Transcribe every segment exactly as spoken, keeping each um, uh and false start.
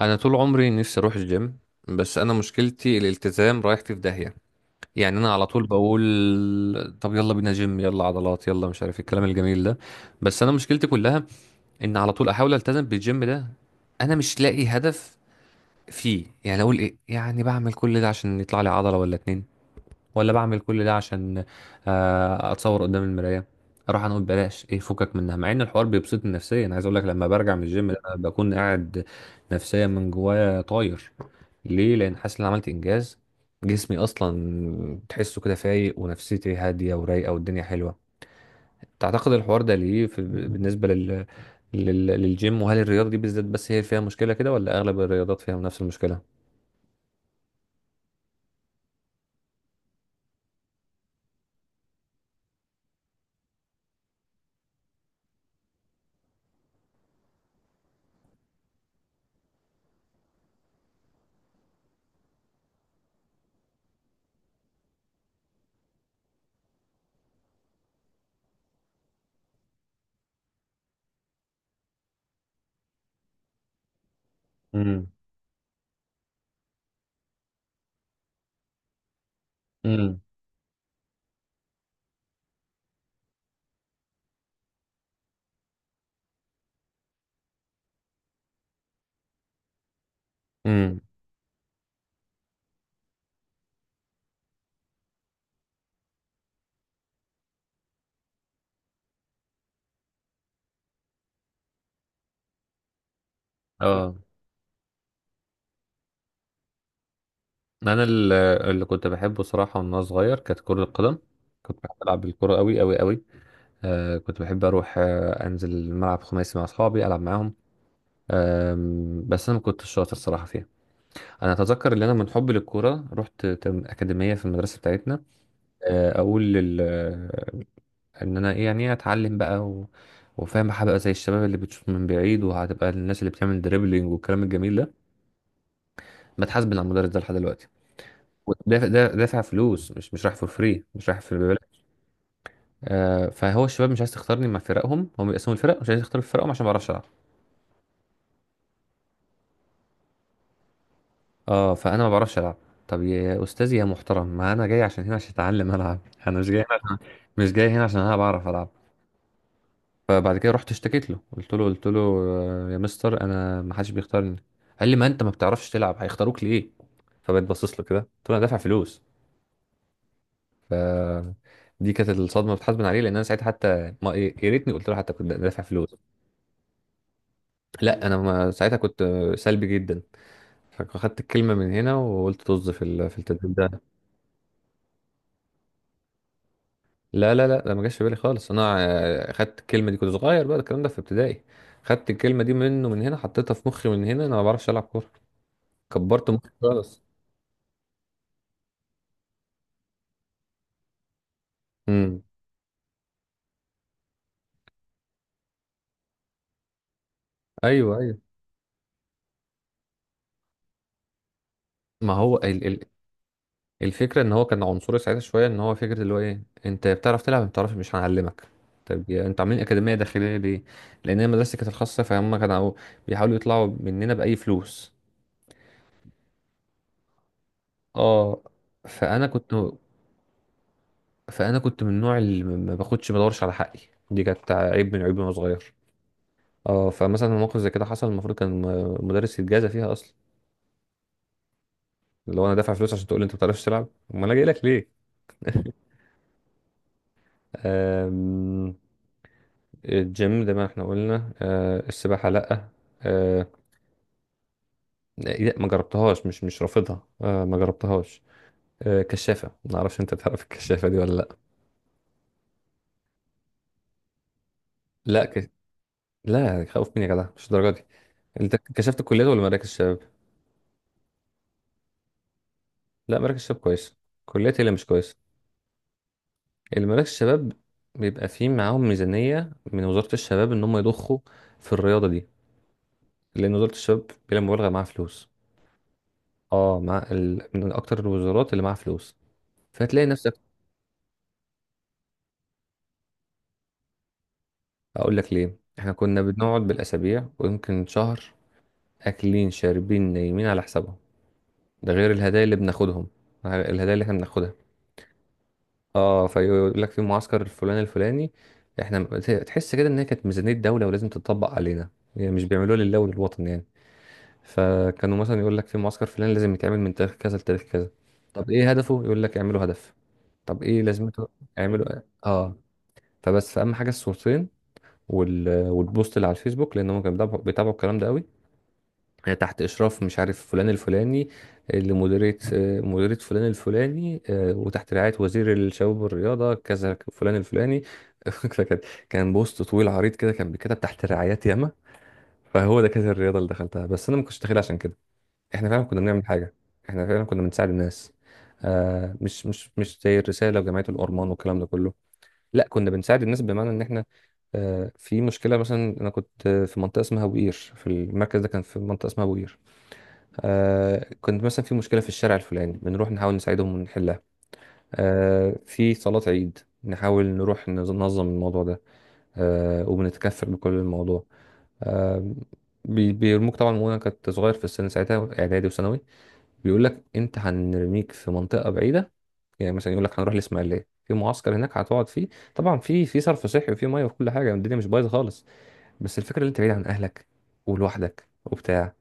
انا طول عمري نفسي اروح الجيم. بس انا مشكلتي الالتزام، رايحتي في داهيه. يعني انا على طول بقول طب يلا بينا جيم، يلا عضلات، يلا مش عارف إيه الكلام الجميل ده. بس انا مشكلتي كلها ان على طول احاول التزم بالجيم ده. انا مش لاقي هدف فيه. يعني اقول ايه؟ يعني بعمل كل ده عشان يطلع لي عضله ولا اتنين، ولا بعمل كل ده عشان آه، اتصور قدام المرايه؟ اروح انا اقول بلاش، ايه فكك منها، مع ان الحوار بيبسطني نفسيا. عايز اقول لك لما برجع من الجيم ده أنا بكون قاعد نفسيا من جوايا طاير. ليه؟ لان حاسس ان أنا عملت انجاز. جسمي اصلا تحسه كده فايق، ونفسيتي هاديه ورايقه، والدنيا حلوه. تعتقد الحوار ده ليه في بالنسبه لل... لل... للجيم؟ وهل الرياضه دي بالذات بس هي فيها مشكله كده، ولا اغلب الرياضات فيها نفس المشكله؟ امم. امم. امم. اه. انا ال- اللي كنت بحبه صراحه وانا صغير كانت كره القدم. كنت بحب العب بالكره قوي قوي قوي. آه كنت بحب اروح آه انزل ملعب خماسي مع اصحابي العب معاهم. آم، بس انا ما كنتش شاطر صراحه فيها. انا اتذكر ان انا من حب للكوره رحت تم- اكاديميه في المدرسه بتاعتنا. آه، اقول لل آه، ان انا ايه؟ يعني إيه؟ اتعلم بقى، و... وفاهم هبقى زي الشباب اللي بتشوط من بعيد، وهتبقى الناس اللي بتعمل دريبلينج والكلام الجميل ده. بتحاسب على المدرس ده لحد دلوقتي. ودافع دافع دافع فلوس، مش مش رايح فور فري، مش رايح في الببلاش. آه فهو الشباب مش عايز تختارني مع فرقهم، هم بيقسموا الفرق مش عايز يختاروا في فرقهم عشان ما بعرفش العب. اه، فانا ما بعرفش العب. طب يا استاذي يا محترم، ما انا جاي عشان هنا عشان اتعلم العب. انا مش جاي هنا عشان- مش جاي هنا عشان انا بعرف العب. فبعد كده رحت اشتكيت له، قلت له قلت له آه، يا مستر انا ما حدش بيختارني. قال لي ما انت ما بتعرفش تلعب هيختاروك ليه؟ فبقيت باصص له كده، قلت له انا دافع فلوس. ف دي كانت الصدمه بتحاسبن عليه، لان انا ساعتها حتى ما إيه، يا ريتني قلت له حتى كنت دافع فلوس. لا انا ما ساعتها كنت سلبي جدا. فاخدت الكلمه من هنا، وقلت طز في ال- في التدريب ده. لا لا لا، ده ما جاش في بالي خالص انا. آه، خدت الكلمه دي، كنت صغير بقى الكلام ده في ابتدائي. خدت الكلمه دي منه من هنا، حطيتها في مخي من هنا، انا ما بعرفش العب كوره. كبرت مخي خالص. امم. ايوه، ايوه. ما هو ال ال الفكره ان هو كان عنصري ساعتها شويه، ان هو فكره اللي هو ايه، انت بتعرف تلعب ما بتعرفش مش هنعلمك. طب يا- انتوا عاملين اكاديميه داخليه ليه؟ لان هي مدرستي كانت الخاصه فهم كانوا بيحاولوا يطلعوا مننا باي فلوس. اه، فانا كنت فانا كنت من النوع اللي ما باخدش ما بدورش على حقي. دي كانت عيب من عيوبي وانا صغير. اه، فمثلا موقف زي كده حصل، المفروض كان م- مدرس يتجازى فيها اصلا. اللي هو انا دافع فلوس عشان تقول لي انت ما بتعرفش تلعب؟ امال انا جاي لك ليه؟ أم... الجيم زي ما احنا قلنا، آه، السباحة لأ، آه، لا ما جربتهاش، مش مش رافضها، آه، ما جربتهاش. آه، كشافة، ما اعرفش، انت تعرف الكشافة دي ولا لا؟ لا ك... لا، خوف مني يا جدع مش الدرجة دي. انت كشفت الكليات ولا مراكز الشباب؟ لا، مراكز الشباب كويس، الكليات هي اللي مش كويسة. المراكز الشباب بيبقى فيه معاهم ميزانية من وزارة الشباب ان هم يضخوا في الرياضة دي. لان وزارة الشباب بلا مبالغة معاها فلوس. اه، مع ال... من اكتر الوزارات اللي معاها فلوس. فهتلاقي نفسك. اقول لك ليه، احنا كنا بنقعد بالاسابيع ويمكن شهر، اكلين شاربين نايمين على حسابهم، ده غير الهدايا اللي بناخدهم. الهدايا اللي احنا بناخدها. اه، فيقول لك في معسكر الفلاني الفلاني، احنا، تحس كده ان هي كانت ميزانية دولة ولازم تطبق علينا. يعني مش بيعملوها لله وللوطن يعني. فكانوا مثلا يقول لك في معسكر فلاني لازم يتعمل من تاريخ كذا لتاريخ كذا. طب ايه هدفه؟ يقول لك اعملوا هدف. طب ايه لازمته؟ اعملوا. اه، فبس فاهم حاجة الصورتين، وال... والبوست اللي على الفيسبوك، لان هم كانوا بيتابعوا بيتابعوا الكلام ده قوي. آه، تحت إشراف مش عارف فلان الفلاني، آه، لمديرية، آه، مديرية فلان الفلاني، آه، وتحت رعاية وزير الشباب والرياضة كذا فلان الفلاني. فكان كان بوست طويل عريض كده، كان بيتكتب تحت رعايات ياما. فهو ده كانت الرياضة اللي دخلتها، بس أنا ما كنتش داخلها عشان كده. إحنا فعلا كنا بنعمل حاجة. إحنا فعلا كنا بنساعد الناس. آه مش مش مش زي الرسالة وجمعية الأورمان والكلام ده كله. لا، كنا بنساعد الناس، بمعنى إن إحنا آه في مشكلة. مثلا أنا كنت آه، في منطقة اسمها بوقير، في المركز ده كان في منطقة اسمها بوقير. آه كنت مثلا في مشكلة في الشارع الفلاني، بنروح نحاول نساعدهم ونحلها. آه في صلاة عيد نحاول نروح ننظم الموضوع ده. آه وبنتكفل بكل الموضوع. آه بي- بيرموك طبعا، وانا كنت صغير في السن ساعتها، اعدادي وثانوي. بيقول لك انت هنرميك في منطقة بعيدة. يعني مثلا يقول لك هنروح الاسماعيلية في معسكر هناك هتقعد فيه. طبعا في في صرف صحي، وفي ميه، وفي كل حاجة، الدنيا مش بايظة خالص. بس الفكرة اللي انت بعيد عن اهلك، ولوحدك وبتاع.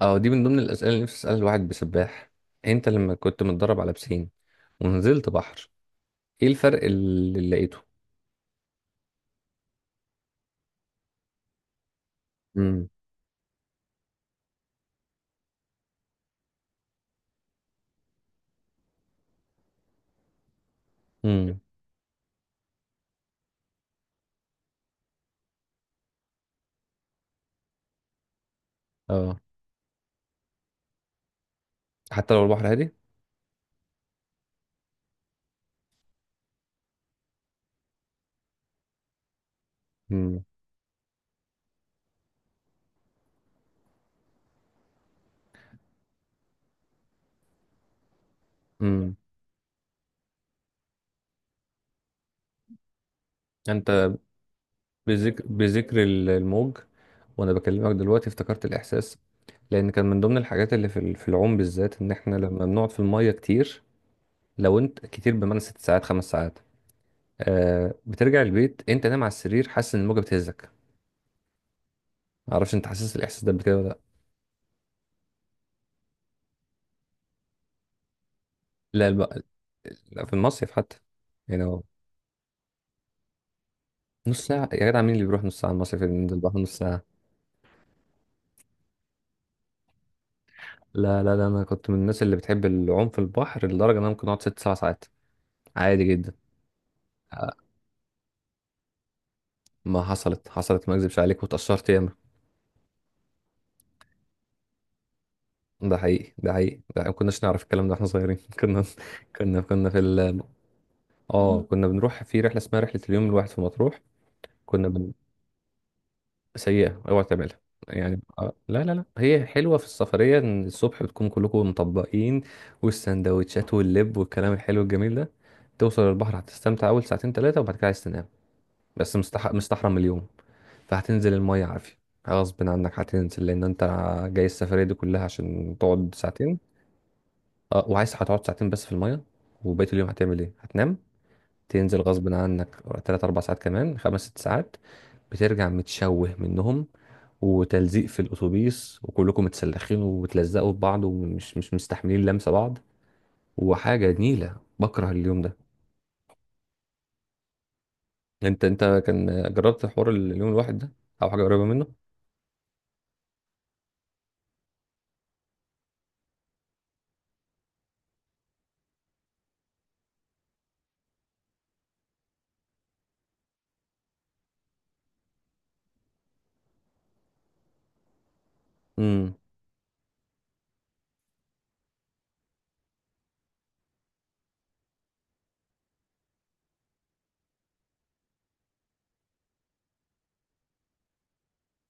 اه، دي من ضمن الأسئلة اللي نفسي أسألها الواحد بسباح. انت لما كنت متدرب على بسين ونزلت بحر، ايه الفرق اللي لقيته؟ امم. امم. اه، حتى لو البحر هادي؟ امم. امم. انت بذكر بذكر ال- الموج، وانا بكلمك دلوقتي افتكرت الإحساس. لأن كان من ضمن الحاجات اللي في ال- في العوم بالذات إن إحنا لما بنقعد في المية كتير، لو أنت كتير بمعنى ست ساعات، خمس ساعات، آه بترجع البيت أنت نايم على السرير حاسس إن الموجة بتهزك. معرفش أنت حاسس الإحساس ده بكده؟ لا الب... لا، في المصيف حتى. يعني هو نص ساعة؟ يا جدع مين اللي بيروح نص ساعة المصيف، اللي ينزل البحر نص ساعة؟ لا لا لا، أنا كنت من الناس اللي بتحب العوم في البحر لدرجة إن أنا ممكن أقعد ست سبع ساعات عادي جدا. آه، ما حصلت حصلت، ما أكذبش عليك، واتأثرت ياما. ده حقيقي، ده حقيقي، ده ما كناش نعرف الكلام ده واحنا صغيرين. كنا كنا كنا في ال اه، كنا بنروح في رحلة اسمها رحلة اليوم الواحد في مطروح. كنا بن... سيئة اوعى تعملها. يعني آه، لا لا لا، هي حلوة في السفرية ان الصبح بتكون كلكم مطبقين، والسندوتشات واللب والكلام الحلو الجميل ده، توصل البحر هتستمتع اول ساعتين ثلاثة، وبعد كده عايز تنام، بس مستح... مستحرم اليوم. فهتنزل المية عافية، غصب عنك هتنزل، لان انت جاي السفرية دي كلها عشان تقعد ساعتين. اه، وعايز هتقعد ساعتين بس في المية، وبقية اليوم هتعمل ايه؟ هتنام؟ تنزل غصب عنك تلات أربع ساعات، كمان خمس ست ساعات، بترجع متشوه منهم، وتلزيق في الأتوبيس وكلكم متسلخين وبتلزقوا في بعض، ومش مش مستحملين لمسة بعض، وحاجة نيلة بكره اليوم ده. انت انت كان جربت حوار اليوم الواحد ده او حاجة قريبة منه؟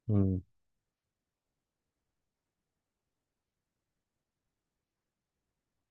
امم.